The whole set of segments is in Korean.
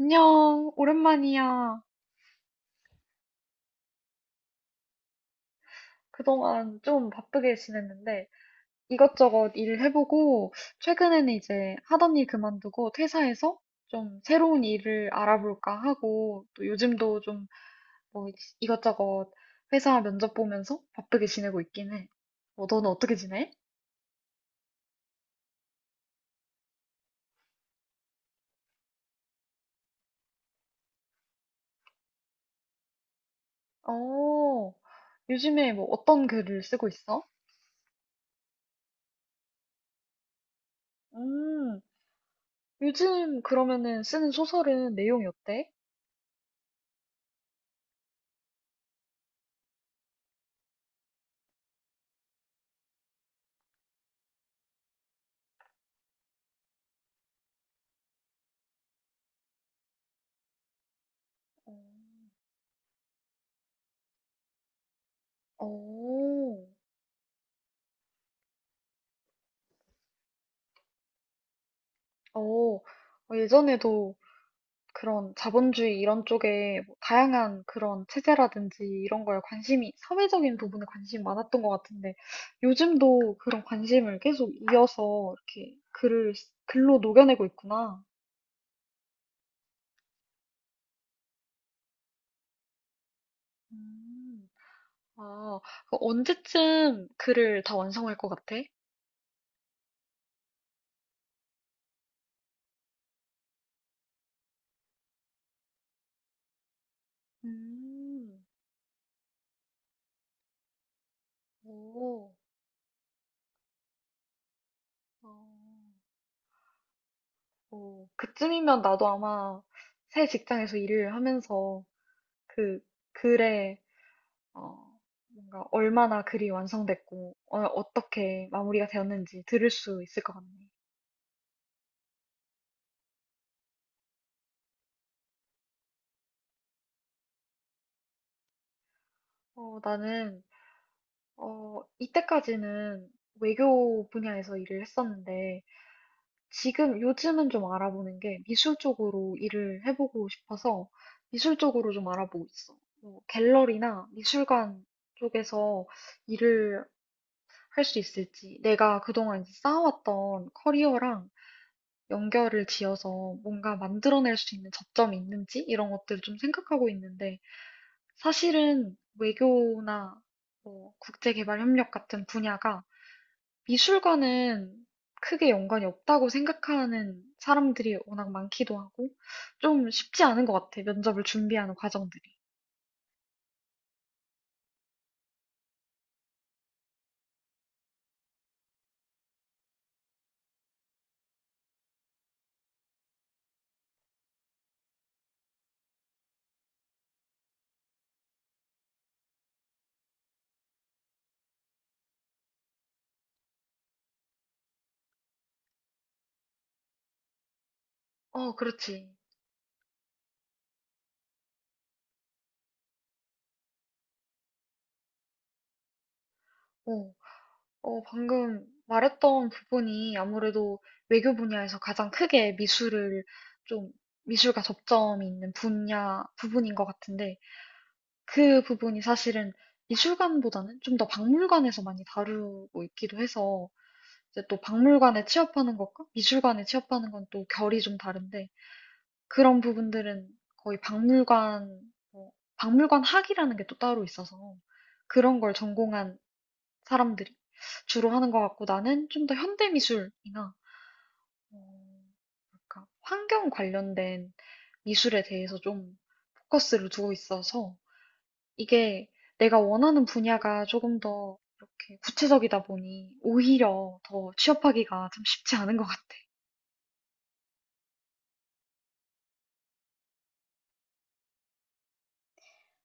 안녕, 오랜만이야. 그동안 좀 바쁘게 지냈는데 이것저것 일 해보고 최근에는 이제 하던 일 그만두고 퇴사해서 좀 새로운 일을 알아볼까 하고 또 요즘도 좀 뭐 이것저것 회사 면접 보면서 바쁘게 지내고 있긴 해. 뭐 너는 어떻게 지내? 어, 요즘에 뭐 어떤 글을 쓰고 있어? 음, 요즘 그러면은 쓰는 소설은 내용이 어때? 어, 어. 어, 어, 예전에도 그런 자본주의 이런 쪽에 뭐 다양한 그런 체제라든지 이런 거에 관심이, 사회적인 부분에 관심이 많았던 것 같은데, 요즘도 그런 관심을 계속 이어서 이렇게 글로 녹여내고 있구나. 음, 아, 그 언제쯤 글을 다 완성할 것 같아? 음, 오, 어, 오, 그쯤이면 나도 아마 새 직장에서 일을 하면서 그 글에 어, 뭔가 얼마나 글이 완성됐고, 어, 떻게 마무리가 되었는지 들을 수 있을 것 같네. 어, 나는, 이때까지는 외교 분야에서 일을 했었는데, 지금 요즘은 좀 알아보는 게 미술 쪽으로 일을 해보고 싶어서 미술 쪽으로 좀 알아보고 있어. 뭐 갤러리나 미술관 쪽에서 일을 할 수 있을지, 내가 그동안 이제 쌓아왔던 커리어랑 연결을 지어서 뭔가 만들어낼 수 있는 접점이 있는지 이런 것들을 좀 생각하고 있는데 사실은 외교나 뭐 국제개발협력 같은 분야가 미술과는 크게 연관이 없다고 생각하는 사람들이 워낙 많기도 하고 좀 쉽지 않은 것 같아. 면접을 준비하는 과정들이. 어, 그렇지. 어. 어, 방금 말했던 부분이 아무래도 외교 분야에서 가장 크게 미술을 좀, 미술과 접점이 있는 분야 부분인 것 같은데 그 부분이 사실은 미술관보다는 좀 더 박물관에서 많이 다루고 있기도 해서 이제 또 박물관에 취업하는 것과 미술관에 취업하는 건 또 결이 좀 다른데 그런 부분들은 거의 박물관 뭐 박물관 학이라는 게 또 따로 있어서 그런 걸 전공한 사람들이 주로 하는 것 같고 나는 좀 더 현대미술이나 뭐랄까, 환경 관련된 미술에 대해서 좀 포커스를 두고 있어서 이게 내가 원하는 분야가 조금 더 이렇게 구체적이다 보니 오히려 더 취업하기가 좀 쉽지 않은 것 같아.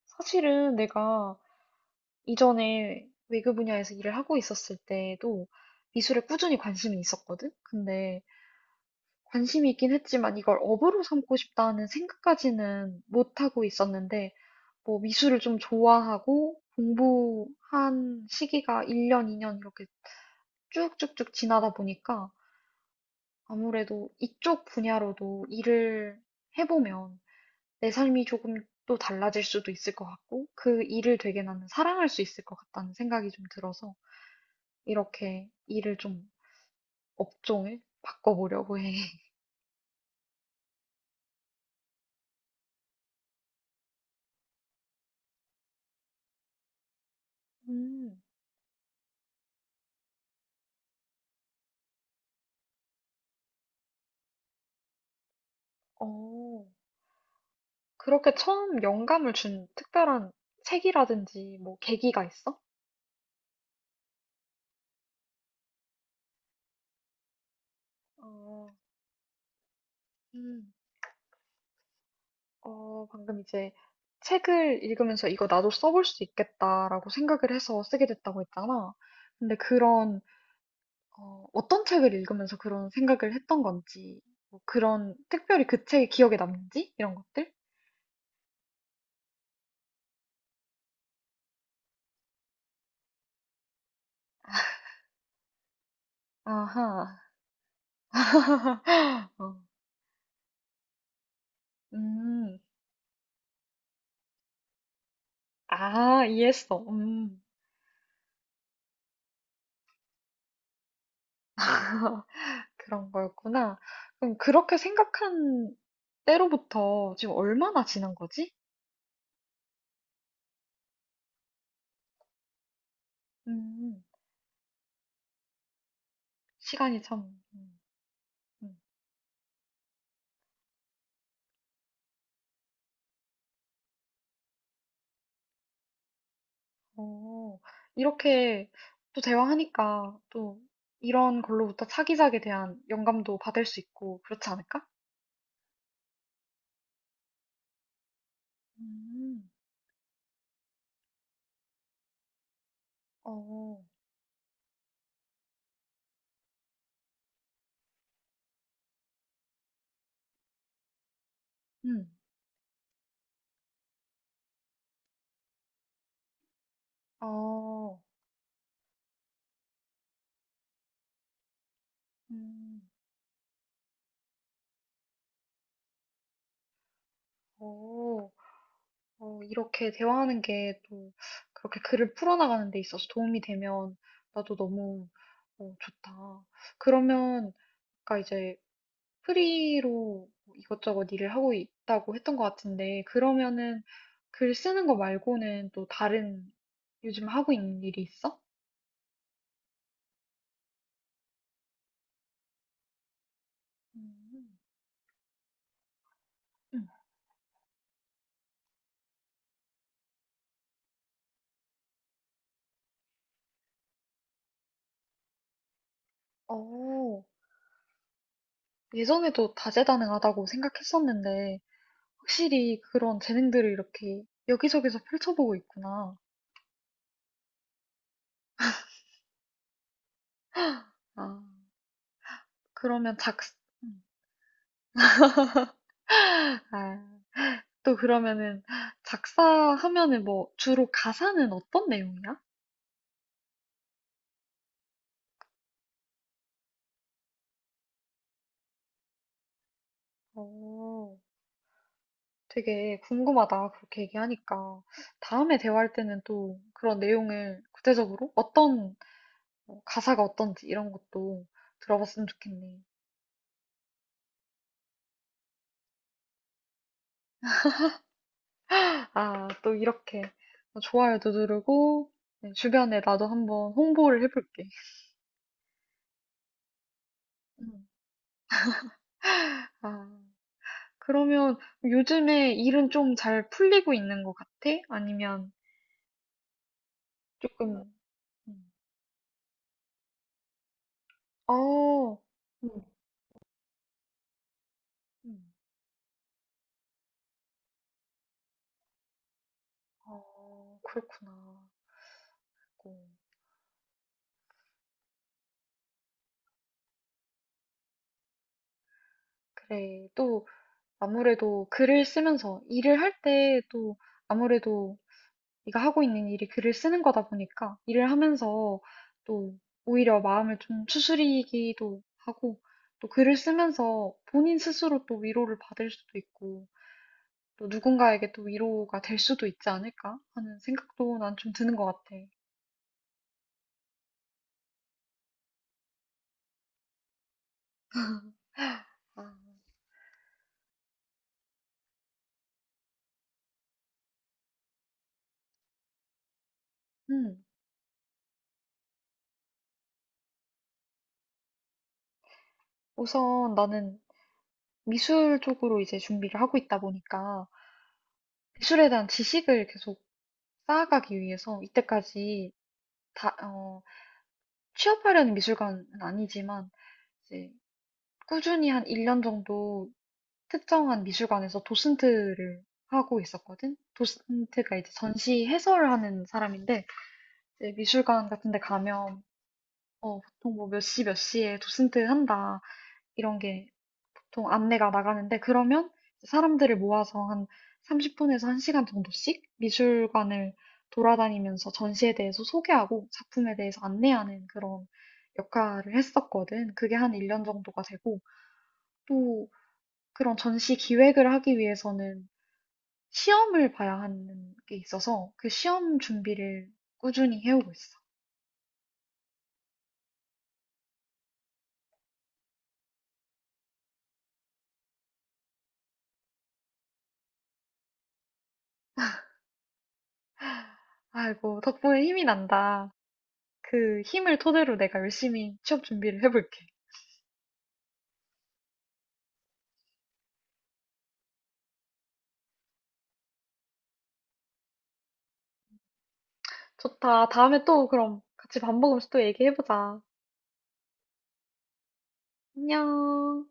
사실은 내가 이전에 외교 분야에서 일을 하고 있었을 때도 미술에 꾸준히 관심이 있었거든? 근데 관심이 있긴 했지만 이걸 업으로 삼고 싶다는 생각까지는 못하고 있었는데, 뭐 미술을 좀 좋아하고 공부한 시기가 1년, 2년 이렇게 쭉쭉쭉 지나다 보니까 아무래도 이쪽 분야로도 일을 해보면 내 삶이 조금 또 달라질 수도 있을 것 같고 그 일을 되게 나는 사랑할 수 있을 것 같다는 생각이 좀 들어서 이렇게 일을 좀 업종을 바꿔보려고 해. 음, 어. 그렇게 처음 영감을 준 특별한 책이라든지 뭐 계기가 있어? 어, 음, 어, 방금 이제 책을 읽으면서 이거 나도 써볼 수 있겠다라고 생각을 해서 쓰게 됐다고 했잖아. 근데 그런, 어떤 책을 읽으면서 그런 생각을 했던 건지, 뭐 그런, 특별히 그 책이 기억에 남는지? 이런 것들? 아하. 어, 음, 아, 이해했어. 음. 그런 거였구나. 그럼 그렇게 생각한 때로부터 지금 얼마나 지난 거지? 음, 시간이 참. 음, 음. 오, 이렇게 또 대화하니까 또 이런 걸로부터 차기작에 대한 영감도 받을 수 있고 그렇지 않을까? 음, 어, 음, 어, 음, 오. 어, 이렇게 대화하는 게 또 그렇게 글을 풀어나가는 데 있어서 도움이 되면 나도 너무 좋다. 그러면 아까 이제 프리로 이것저것 일을 하고 있다고 했던 것 같은데 그러면은 글 쓰는 거 말고는 또 다른 요즘 하고 있는 일이 있어? 음. 응. 어, 예전에도 다재다능하다고 생각했었는데 확실히 그런 재능들을 이렇게 여기저기서 펼쳐보고 있구나. 아. 그러면 작, 아, 또 그러면은 작사하면은 뭐 주로 가사는 어떤 내용이야? 어, 되게 궁금하다. 그렇게 얘기하니까. 다음에 대화할 때는 또 그런 내용을 구체적으로 어떤 가사가 어떤지 이런 것도 들어봤으면 좋겠네. 아, 또 이렇게 좋아요도 누르고 네, 주변에 나도 한번 홍보를 해볼게. 음. 아, 그러면 요즘에 일은 좀 잘 풀리고 있는 것 같아? 아니면 조금, 음. 어. 음. 음. 어, 그렇구나. 어, 그래. 또 아무래도 글을 쓰면서 일을 할 때 또 아무래도 네가 하고 있는 일이 글을 쓰는 거다 보니까 일을 하면서 또 오히려 마음을 좀 추스리기도 하고 또 글을 쓰면서 본인 스스로 또 위로를 받을 수도 있고 또 누군가에게 또 위로가 될 수도 있지 않을까 하는 생각도 난 좀 드는 것 같아. 아, 음. 우선 나는 미술 쪽으로 이제 준비를 하고 있다 보니까 미술에 대한 지식을 계속 쌓아가기 위해서 이때까지 다, 어, 취업하려는 미술관은 아니지만 이제 꾸준히 한 1년 정도 특정한 미술관에서 도슨트를 하고 있었거든. 도슨트가 이제 전시 해설을 하는 사람인데 이제 미술관 같은 데 가면 어, 보통 뭐 몇 시 몇 시에 도슨트 한다. 이런 게 보통 안내가 나가는데 그러면 사람들을 모아서 한 30분에서 1시간 정도씩 미술관을 돌아다니면서 전시에 대해서 소개하고 작품에 대해서 안내하는 그런 역할을 했었거든. 그게 한 1년 정도가 되고 또 그런 전시 기획을 하기 위해서는 시험을 봐야 하는 게 있어서 그 시험 준비를 꾸준히 해오고 있어. 아이고, 덕분에 힘이 난다. 그 힘을 토대로 내가 열심히 취업 준비를 해볼게. 좋다. 다음에 또 그럼 같이 밥 먹으면서 또 얘기해보자. 안녕.